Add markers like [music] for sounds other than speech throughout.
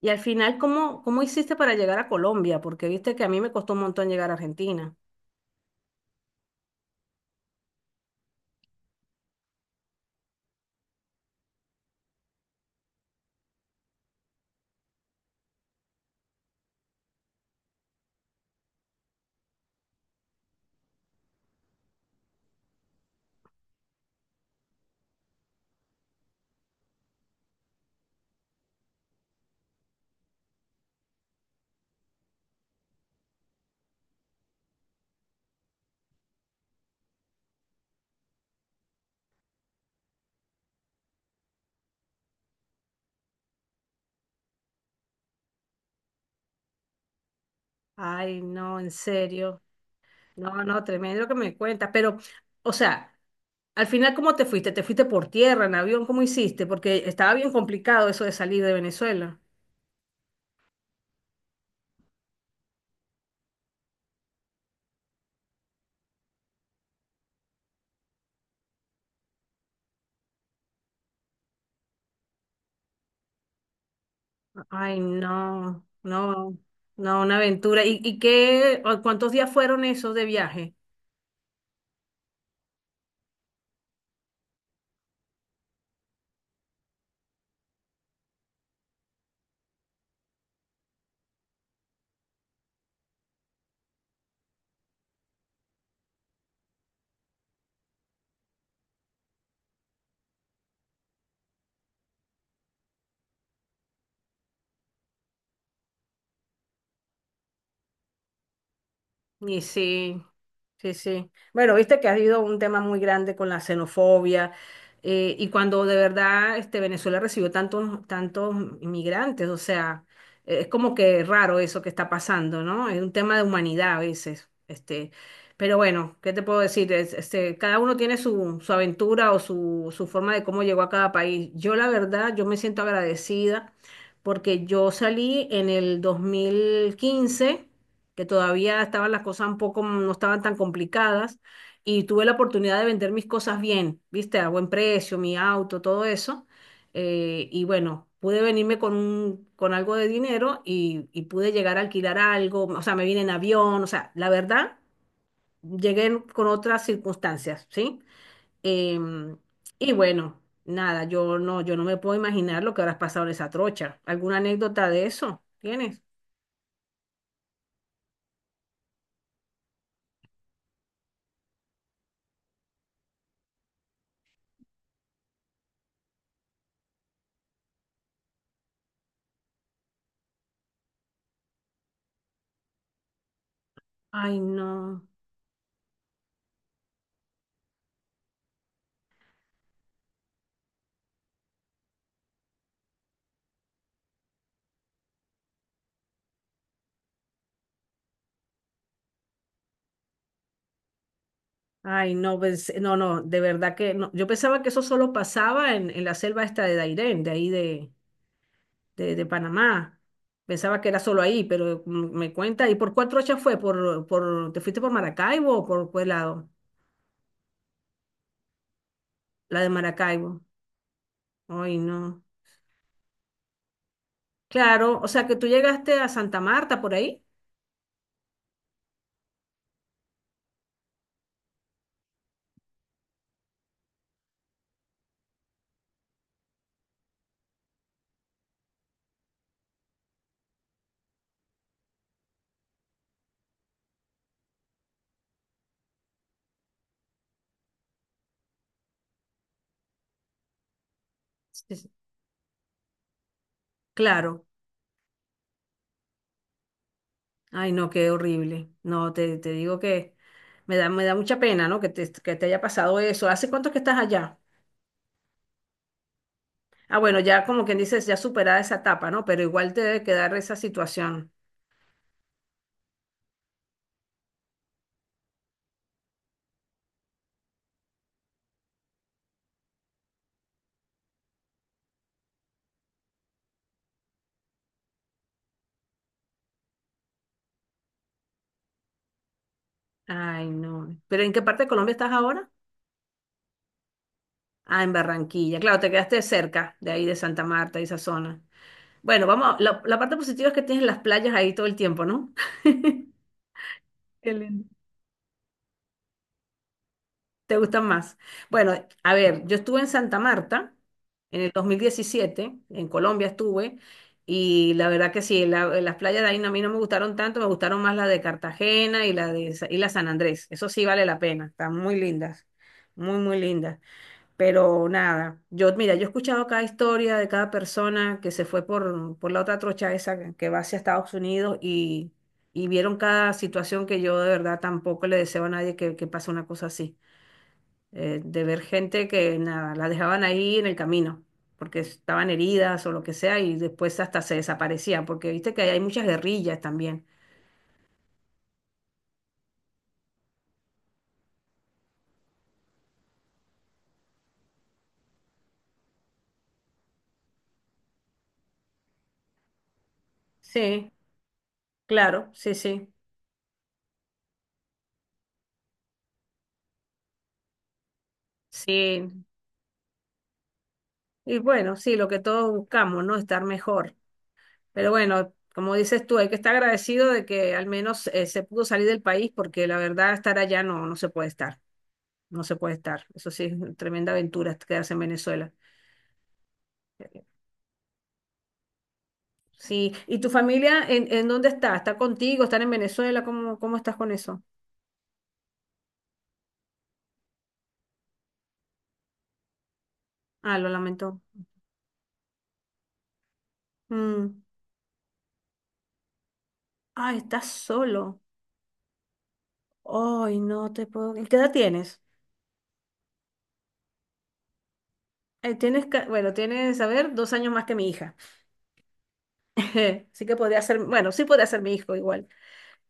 Y al final, ¿cómo hiciste para llegar a Colombia? Porque viste que a mí me costó un montón llegar a Argentina. Ay, no, en serio. No, no, tremendo lo que me cuentas. Pero, o sea, al final, ¿cómo te fuiste? ¿Te fuiste por tierra, en avión? ¿Cómo hiciste? Porque estaba bien complicado eso de salir de Venezuela. Ay, no, no, no, una aventura. ¿Y qué, o cuántos días fueron esos de viaje? Y sí, sí, sí. Bueno, viste que ha habido un tema muy grande con la xenofobia y cuando de verdad este, Venezuela recibió tantos, tantos inmigrantes, o sea, es como que raro eso que está pasando, ¿no? Es un tema de humanidad a veces. Este, pero bueno, ¿qué te puedo decir? Es- Este, cada uno tiene su, su aventura o su forma de cómo llegó a cada país. Yo la verdad, yo me siento agradecida porque yo salí en el 2015, que todavía estaban las cosas un poco, no estaban tan complicadas, y tuve la oportunidad de vender mis cosas bien, viste, a buen precio, mi auto, todo eso, y bueno, pude venirme con un, con algo de dinero y pude llegar a alquilar algo, o sea, me vine en avión, o sea, la verdad, llegué con otras circunstancias, ¿sí? Em, y bueno, nada, yo no me puedo imaginar lo que habrás pasado en esa trocha. ¿Alguna anécdota de eso tienes? Ay, no. Ay, no, pues, no, no, de verdad que no. Yo pensaba que eso solo pasaba en la selva esta de Dairén, de ahí de, de Panamá. Pensaba que era solo ahí, pero m- me cuenta. ¿Y por cuál trocha fue? Te fuiste por Maracaibo o por cuál lado? La de Maracaibo. Ay, no. Claro, o sea que tú llegaste a Santa Marta por ahí. Sí, sí. Claro. Ay, no, qué horrible. No, te digo que me da mucha pena, ¿no? Que que te haya pasado eso. ¿Hace cuánto que estás allá? Ah, bueno, ya como quien dices, ya superada esa etapa, ¿no? Pero igual te debe quedar esa situación. Ay, no. ¿Pero en qué parte de Colombia estás ahora? Ah, en Barranquilla. Claro, te quedaste cerca de ahí, de Santa Marta, y esa zona. Bueno, vamos, a- la parte positiva es que tienes las playas ahí todo el tiempo, ¿no? [laughs] Qué lindo. ¿Te gustan más? Bueno, a ver, yo estuve en Santa Marta en el 2017 en Colombia estuve, y la verdad que sí, la- las playas de ahí no- a mí no me gustaron tanto, me gustaron más la de Cartagena y la de Sa- y la San Andrés. Eso sí vale la pena, están muy lindas, muy, muy lindas. Pero nada, yo, mira, yo he escuchado cada historia de cada persona que se fue por la otra trocha esa que va hacia Estados Unidos y vieron cada situación que yo de verdad tampoco le deseo a nadie que, que pase una cosa así, de ver gente que nada, la dejaban ahí en el camino, porque estaban heridas o lo que sea, y después hasta se desaparecían, porque viste que hay muchas guerrillas también. Sí, claro, sí, sí, sí. Y bueno, sí, lo que todos buscamos, ¿no? Estar mejor. Pero bueno, como dices tú, hay que estar agradecido de que al menos se pudo salir del país, porque la verdad estar allá no, no se puede estar, no se puede estar. Eso sí, es una tremenda aventura quedarse en Venezuela. Sí, ¿y tu familia en dónde está? ¿Está contigo? ¿Están en Venezuela? ¿Cómo estás con eso? Ah, lo lamento. Mm. Ah, estás solo. Ay, no te puedo. ¿Y qué edad tienes? Tienes, ca- bueno, tienes, a ver, dos años más que mi hija. [laughs] Sí que podría ser, bueno, sí podría ser mi hijo igual.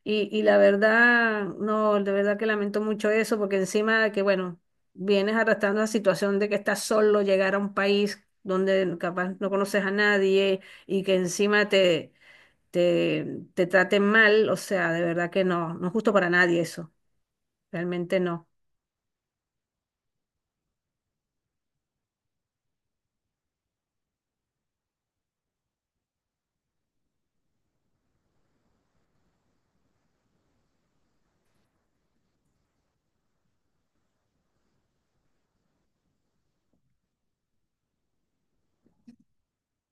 Y la verdad, no, de verdad que lamento mucho eso, porque encima de que, bueno, vienes arrastrando la situación de que estás solo, llegar a un país donde capaz no conoces a nadie y que encima te te, te traten mal, o sea, de verdad que no, no es justo para nadie eso, realmente no.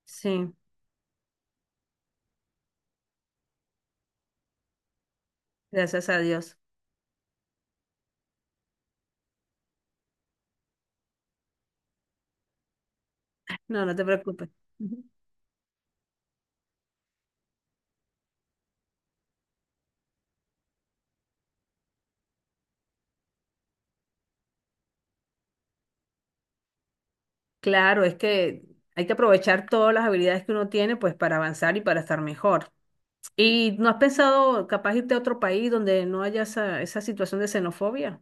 Sí, gracias a Dios. No, no te preocupes. Ujú. Claro, es que hay que aprovechar todas las habilidades que uno tiene pues para avanzar y para estar mejor. ¿Y no has pensado capaz irte a otro país donde no haya esa situación de xenofobia?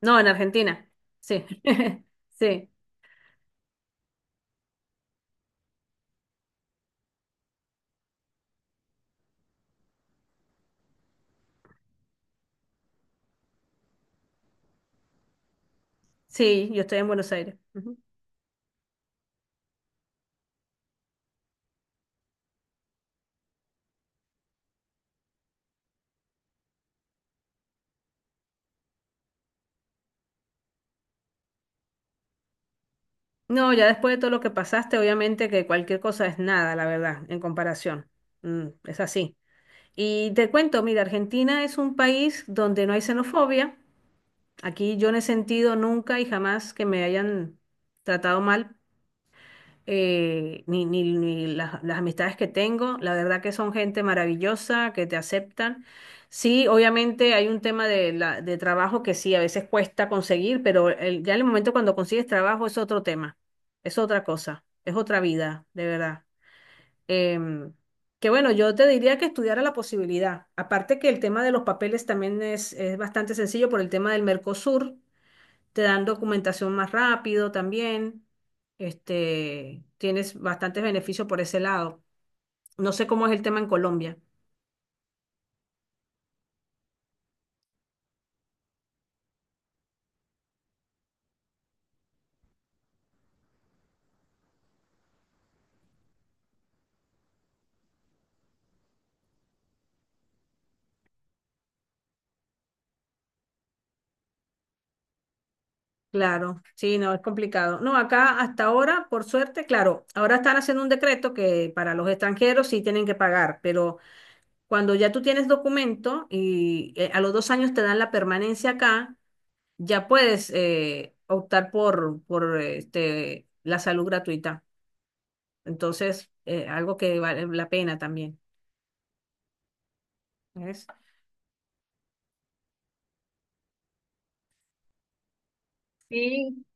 No, en Argentina. Sí, [laughs] sí, sí, yo estoy en Buenos Aires. No, ya después de todo lo que pasaste, obviamente que cualquier cosa es nada, la verdad, en comparación. Mm, es así. Y te cuento, mira, Argentina es un país donde no hay xenofobia. Aquí yo no he sentido nunca y jamás que me hayan tratado mal, ni las, las amistades que tengo. La verdad que son gente maravillosa, que te aceptan. Sí, obviamente hay un tema de, de trabajo que sí, a veces cuesta conseguir, pero el- ya en el momento cuando consigues trabajo es otro tema, es otra cosa, es otra vida, de verdad. Em, que bueno, yo te diría que estudiara la posibilidad. Aparte que el tema de los papeles también es bastante sencillo por el tema del Mercosur, te dan documentación más rápido también. Este, tienes bastantes beneficios por ese lado. No sé cómo es el tema en Colombia. Claro, sí, no, es complicado. No, acá hasta ahora, por suerte, claro, ahora están haciendo un decreto que para los extranjeros sí tienen que pagar, pero cuando ya tú tienes documento y a los dos años te dan la permanencia acá, ya puedes optar por este, la salud gratuita. Entonces, algo que vale la pena también. ¿Ves? Sí,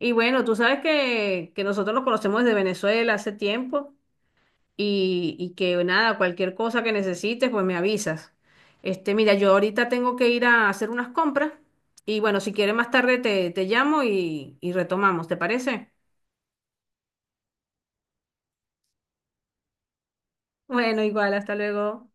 y bueno, tú sabes que nosotros nos conocemos desde Venezuela hace tiempo y que nada, cualquier cosa que necesites, pues me avisas. Este, mira, yo ahorita tengo que ir a hacer unas compras y bueno, si quieres más tarde te llamo y retomamos, ¿te parece? Bueno, igual, hasta luego.